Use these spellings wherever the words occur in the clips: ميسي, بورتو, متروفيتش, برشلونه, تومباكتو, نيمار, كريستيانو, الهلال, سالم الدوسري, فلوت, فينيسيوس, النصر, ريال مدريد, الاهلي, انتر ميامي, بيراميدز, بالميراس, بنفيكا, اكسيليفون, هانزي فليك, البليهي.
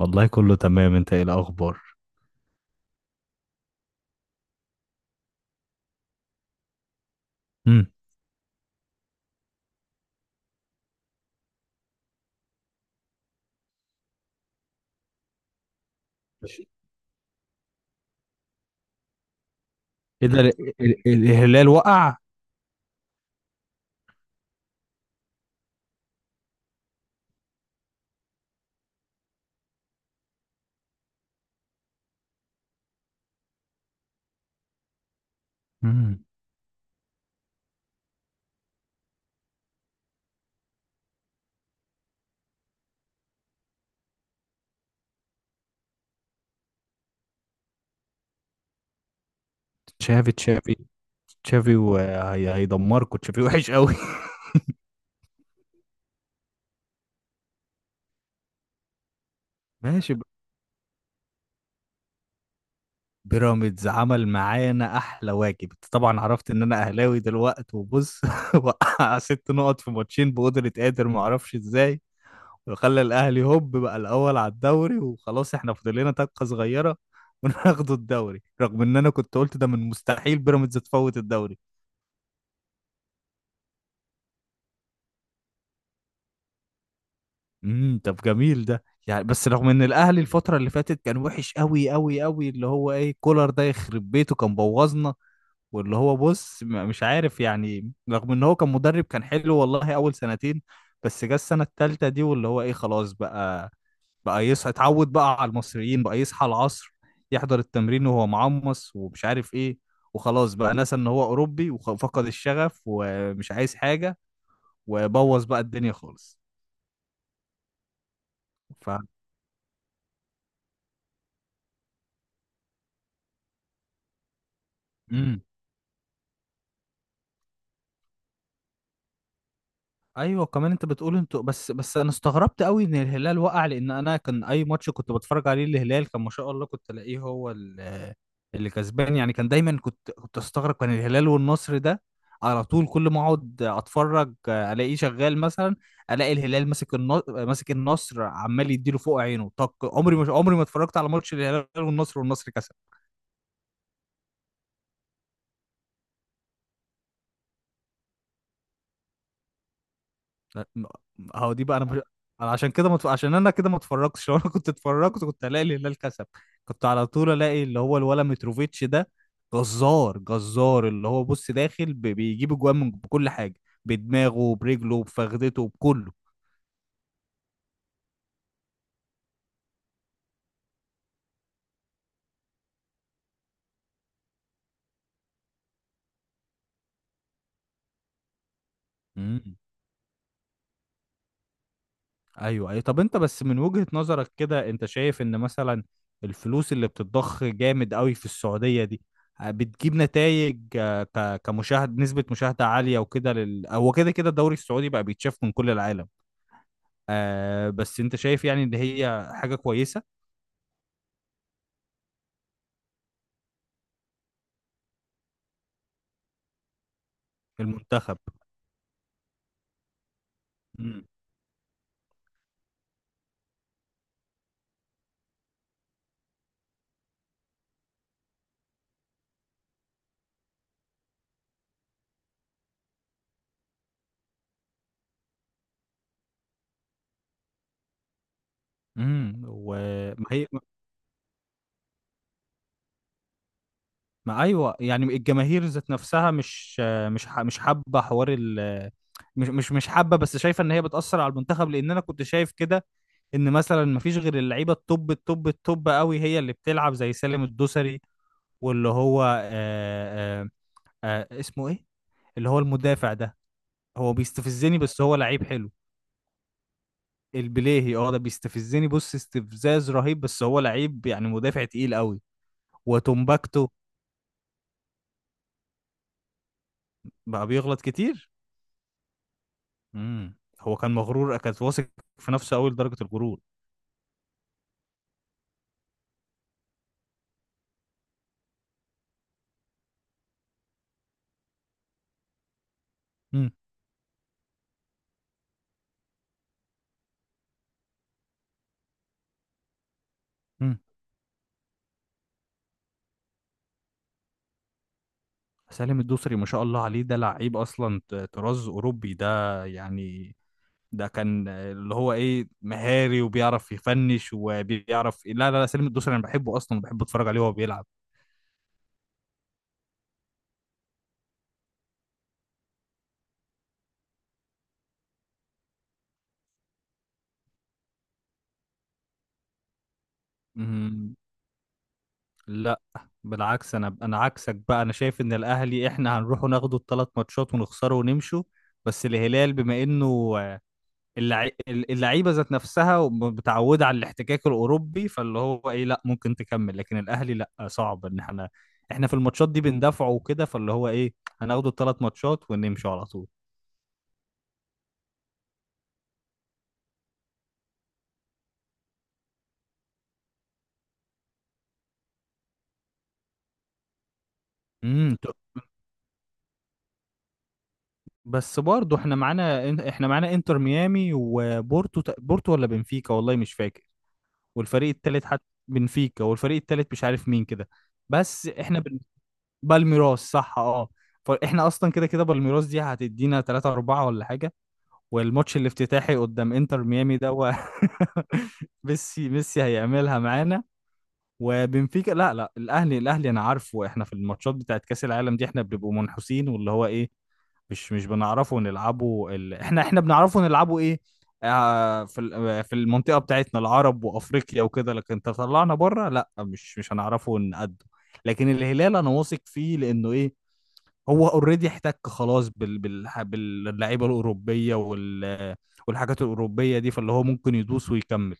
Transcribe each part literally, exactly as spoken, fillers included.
والله كله تمام، انت ايه الاخبار؟ امم. ماشي. ايه ده؟ ال- ال- الهلال وقع؟ امم. تشافي تشافي. تشافي وهيدمركم، تشافي وحش قوي. ماشي. ب- بيراميدز عمل معانا احلى واجب. انت طبعا عرفت ان انا اهلاوي دلوقتي وبص وقع ست نقط في ماتشين بقدرة قادر، ما اعرفش ازاي. وخلى الاهلي هوب بقى الاول على الدوري، وخلاص احنا فاضل لنا طاقة صغيرة وناخدوا الدوري، رغم ان انا كنت قلت ده من مستحيل بيراميدز تفوت الدوري. امم. طب جميل ده يعني، بس رغم ان الاهلي الفتره اللي فاتت كان وحش قوي قوي قوي. اللي هو ايه، كولر ده يخرب بيته كان بوظنا. واللي هو بص، م- مش عارف، يعني رغم ان هو كان مدرب كان حلو والله اول سنتين. بس جه السنه الثالثه دي واللي هو ايه، خلاص بقى. بقى يصحى، اتعود بقى على المصريين، بقى يصحى العصر. يحضر التمرين وهو معمص ومش عارف ايه. وخلاص بقى نسى ان هو اوروبي وفقد الشغف ومش عايز حاجه. وبوظ بقى الدنيا خالص. ف امم. ايوه، كمان انت بتقول انتوا. بس بس انا استغربت قوي ان الهلال وقع، لان انا كان اي ماتش كنت بتفرج عليه الهلال كان ما شاء الله، كنت الاقيه هو ال- اللي كسبان يعني. كان دايما كنت كنت استغرب، كان الهلال والنصر ده على طول كل ما اقعد اتفرج آه، الاقيه شغال مثلا. الاقي الهلال ماسك النصر، ماسك النصر عمال يديله فوق عينه طق. عمري ما عمري ما اتفرجت على ماتش الهلال والنصر والنصر كسب. لا، ما- هو دي بقى، انا مش... أنا عشان كده متف... عشان انا كده ما اتفرجتش. لو انا كنت اتفرجت كنت الاقي الهلال كسب. كنت على طول الاقي اللي هو الولا متروفيتش ده جزار، جزار. اللي هو بص داخل، ب... بيجيب اجوان من بكل حاجه، بدماغه برجله بفخدته بكله. ايوه، اي طب انت بس من وجهة نظرك كده، انت شايف ان مثلا الفلوس اللي بتتضخ جامد قوي في السعودية دي آه، بتجيب نتائج كمشاهد، نسبة مشاهدة عالية وكده؟ لل... هو كده كده الدوري السعودي بقى بيتشاف من كل العالم، آه بس انت شايف يعني ان هي حاجة كويسة؟ المنتخب. امم. امم. وما هي. ما ايوه، يعني الجماهير ذات نفسها مش آه، مش ح- مش حابة حوار ال مش مش مش حابة، بس شايفة ان هي بتأثر على المنتخب. لان انا كنت شايف كده ان مثلا مفيش غير اللعيبه التوب التوب التوب قوي هي اللي بتلعب، زي سالم الدوسري، واللي هو آه آه آه اسمه ايه، اللي هو المدافع ده. هو بيستفزني، بس هو لعيب حلو. البليهي، اه، ده بيستفزني بص، استفزاز رهيب، بس هو لعيب يعني مدافع تقيل قوي وتومباكتو. بقى بيغلط كتير. امم، هو كان مغرور، كان واثق في نفسه قوي لدرجه الغرور. امم. امم. سالم الدوسري ما شاء الله عليه ده لعيب اصلا، ط- طراز اوروبي ده يعني. ده كان اللي هو ايه مهاري، وبيعرف يفنش وبيعرف إيه. لا لا لا، سليم الدوسري انا بحبه اصلا، وبحب اتفرج عليه وهو بيلعب. مم. لا، بالعكس، انا انا عكسك بقى. انا شايف ان الاهلي احنا هنروح ناخده الثلاث ماتشات ونخسره ونمشوا. بس الهلال، بما انه اللعي... اللعيبه ذات نفسها متعوده على الاحتكاك الاوروبي، فاللي هو ايه، لا ممكن تكمل. لكن الاهلي لا، صعب ان احنا احنا في الماتشات دي بندافعه وكده، فاللي هو ايه، هناخده الثلاث ماتشات ونمشوا على طول. امم. بس برضه احنا معانا احنا معانا انتر ميامي وبورتو. تق- بورتو ولا بنفيكا، والله مش فاكر. والفريق التالت، حتى بنفيكا والفريق التالت مش عارف مين كده. بس احنا بن... بالميراس، صح اه. فاحنا اصلا كده كده بالميراس دي هتدينا ثلاثة أربعة ولا حاجه. والماتش الافتتاحي قدام انتر ميامي ده و... ميسي، ميسي هيعملها معانا. وبنفيكا لا لا، الاهلي، الاهلي انا عارفه احنا في الماتشات بتاعت كاس العالم دي احنا بنبقوا منحوسين، واللي هو ايه، مش مش بنعرفه نلعبه ال... احنا احنا بنعرفه نلعبه ايه؟ آه في ال- آه، في المنطقة بتاعتنا، العرب وافريقيا وكده، لكن تطلعنا بره لا، مش مش هنعرفه نقده. لكن الهلال انا واثق فيه، لانه ايه، هو اوريدي احتك خلاص بال... بال... باللعيبة الاوروبية وال... والحاجات الاوروبية دي، فاللي هو ممكن يدوس ويكمل.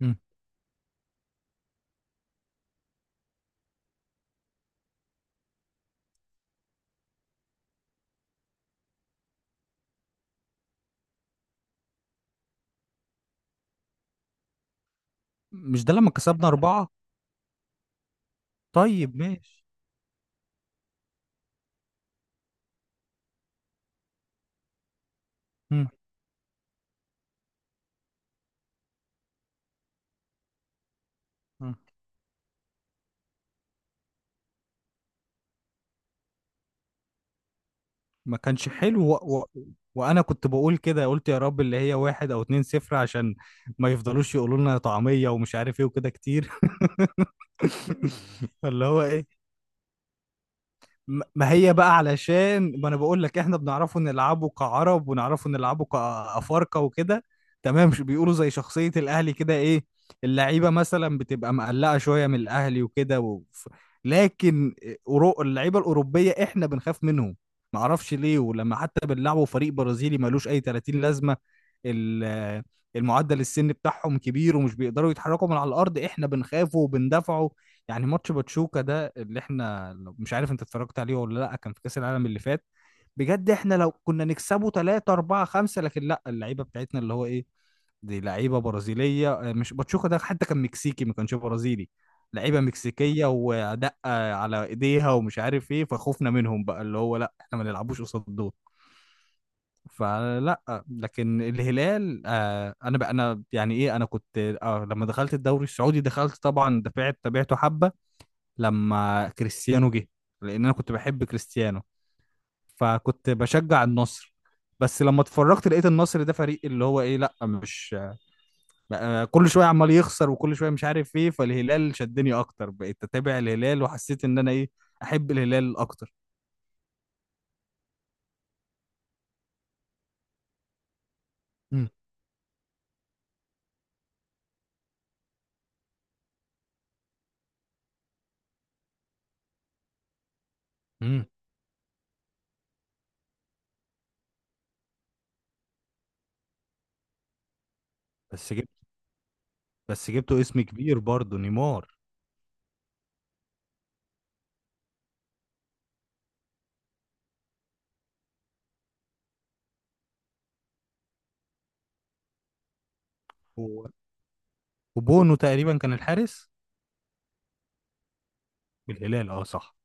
مم. مش ده لما كسبنا أربعة؟ طيب ماشي. مم. ما كانش حلو و... و... وانا كنت بقول كده، قلت يا رب اللي هي واحد او اتنين صفر، عشان ما يفضلوش يقولوا لنا طعمية ومش عارف ايه وكده كتير. فاللي هو ايه، ما ما هي بقى. علشان ما انا بقول لك، احنا بنعرفه نلعبه كعرب ونعرفه نلعبه كافارقه وكده تمام. مش بيقولوا زي شخصيه الاهلي كده ايه، اللعيبه مثلا بتبقى مقلقه شويه من الاهلي وكده و... لكن أورو... اللعيبه الاوروبيه احنا بنخاف منهم، ما اعرفش ليه. ولما حتى بنلعبوا فريق برازيلي ملوش اي ثلاثين لازمه، ال... المعدل السن بتاعهم كبير ومش بيقدروا يتحركوا من على الارض، احنا بنخافوا وبندافعوا. يعني ماتش باتشوكا ده اللي احنا، لو- مش عارف انت اتفرجت عليه ولا لا، كان في كاس العالم اللي فات، بجد احنا لو كنا نكسبه ثلاثة أربعة خمسة. لكن لا، اللعيبه بتاعتنا اللي هو ايه، دي لعيبه برازيليه، آه، مش باتشوكا ده حتى كان مكسيكي، ما كانش برازيلي، لعيبه مكسيكيه ودقه على ايديها ومش عارف ايه. فخوفنا منهم بقى، اللي هو لا، احنا ما نلعبوش قصاد دول. فلا. لكن الهلال آه انا بقى، انا يعني ايه، انا كنت آه لما دخلت الدوري السعودي دخلت طبعا دفعت تابعته حبه، لما كريستيانو جه، لان انا كنت بحب كريستيانو، فكنت بشجع النصر. بس لما اتفرجت لقيت النصر ده فريق اللي هو ايه لا مش، بقى كل شويه عمال يخسر وكل شويه مش عارف ايه. فالهلال شدني اكتر، بقيت اتابع الهلال وحسيت ان انا ايه، احب الهلال اكتر. امم. امم. بس جبت بس جبته اسم كبير برضه، نيمار. و- وبونو تقريبا كان الحارس. بالهلال، اه صح.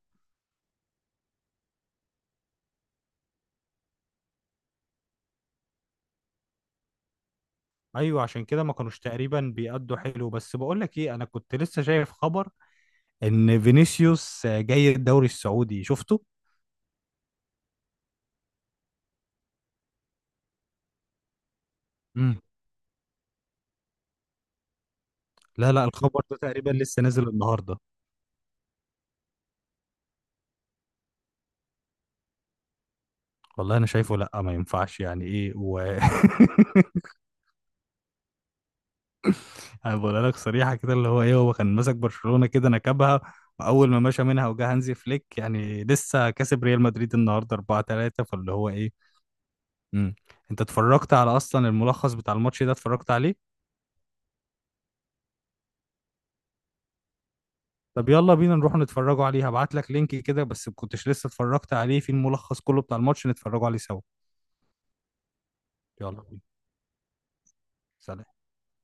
ايوه عشان كده ما كانوش تقريبا بيأدوا حلو. بس بقول لك ايه، انا كنت لسه شايف خبر ان فينيسيوس جاي الدوري السعودي، شفته؟ امم. لا لا، الخبر ده تقريبا لسه نازل النهارده. والله انا شايفه لا ما ينفعش، يعني ايه و انا بقول لك صريحه كده، اللي هو ايه، هو كان ماسك برشلونه كده نكبها، واول ما مشى منها وجا هانزي فليك يعني لسه كسب ريال مدريد النهارده أربعة ثلاثة، فاللي هو ايه. امم. انت اتفرجت على اصلا الملخص بتاع الماتش ده؟ اتفرجت عليه؟ طب يلا بينا نروح نتفرجوا عليه، هبعت لك لينك كده بس. ما كنتش لسه اتفرجت عليه، في الملخص كله بتاع الماتش، نتفرجوا عليه سوا. يلا. سلام.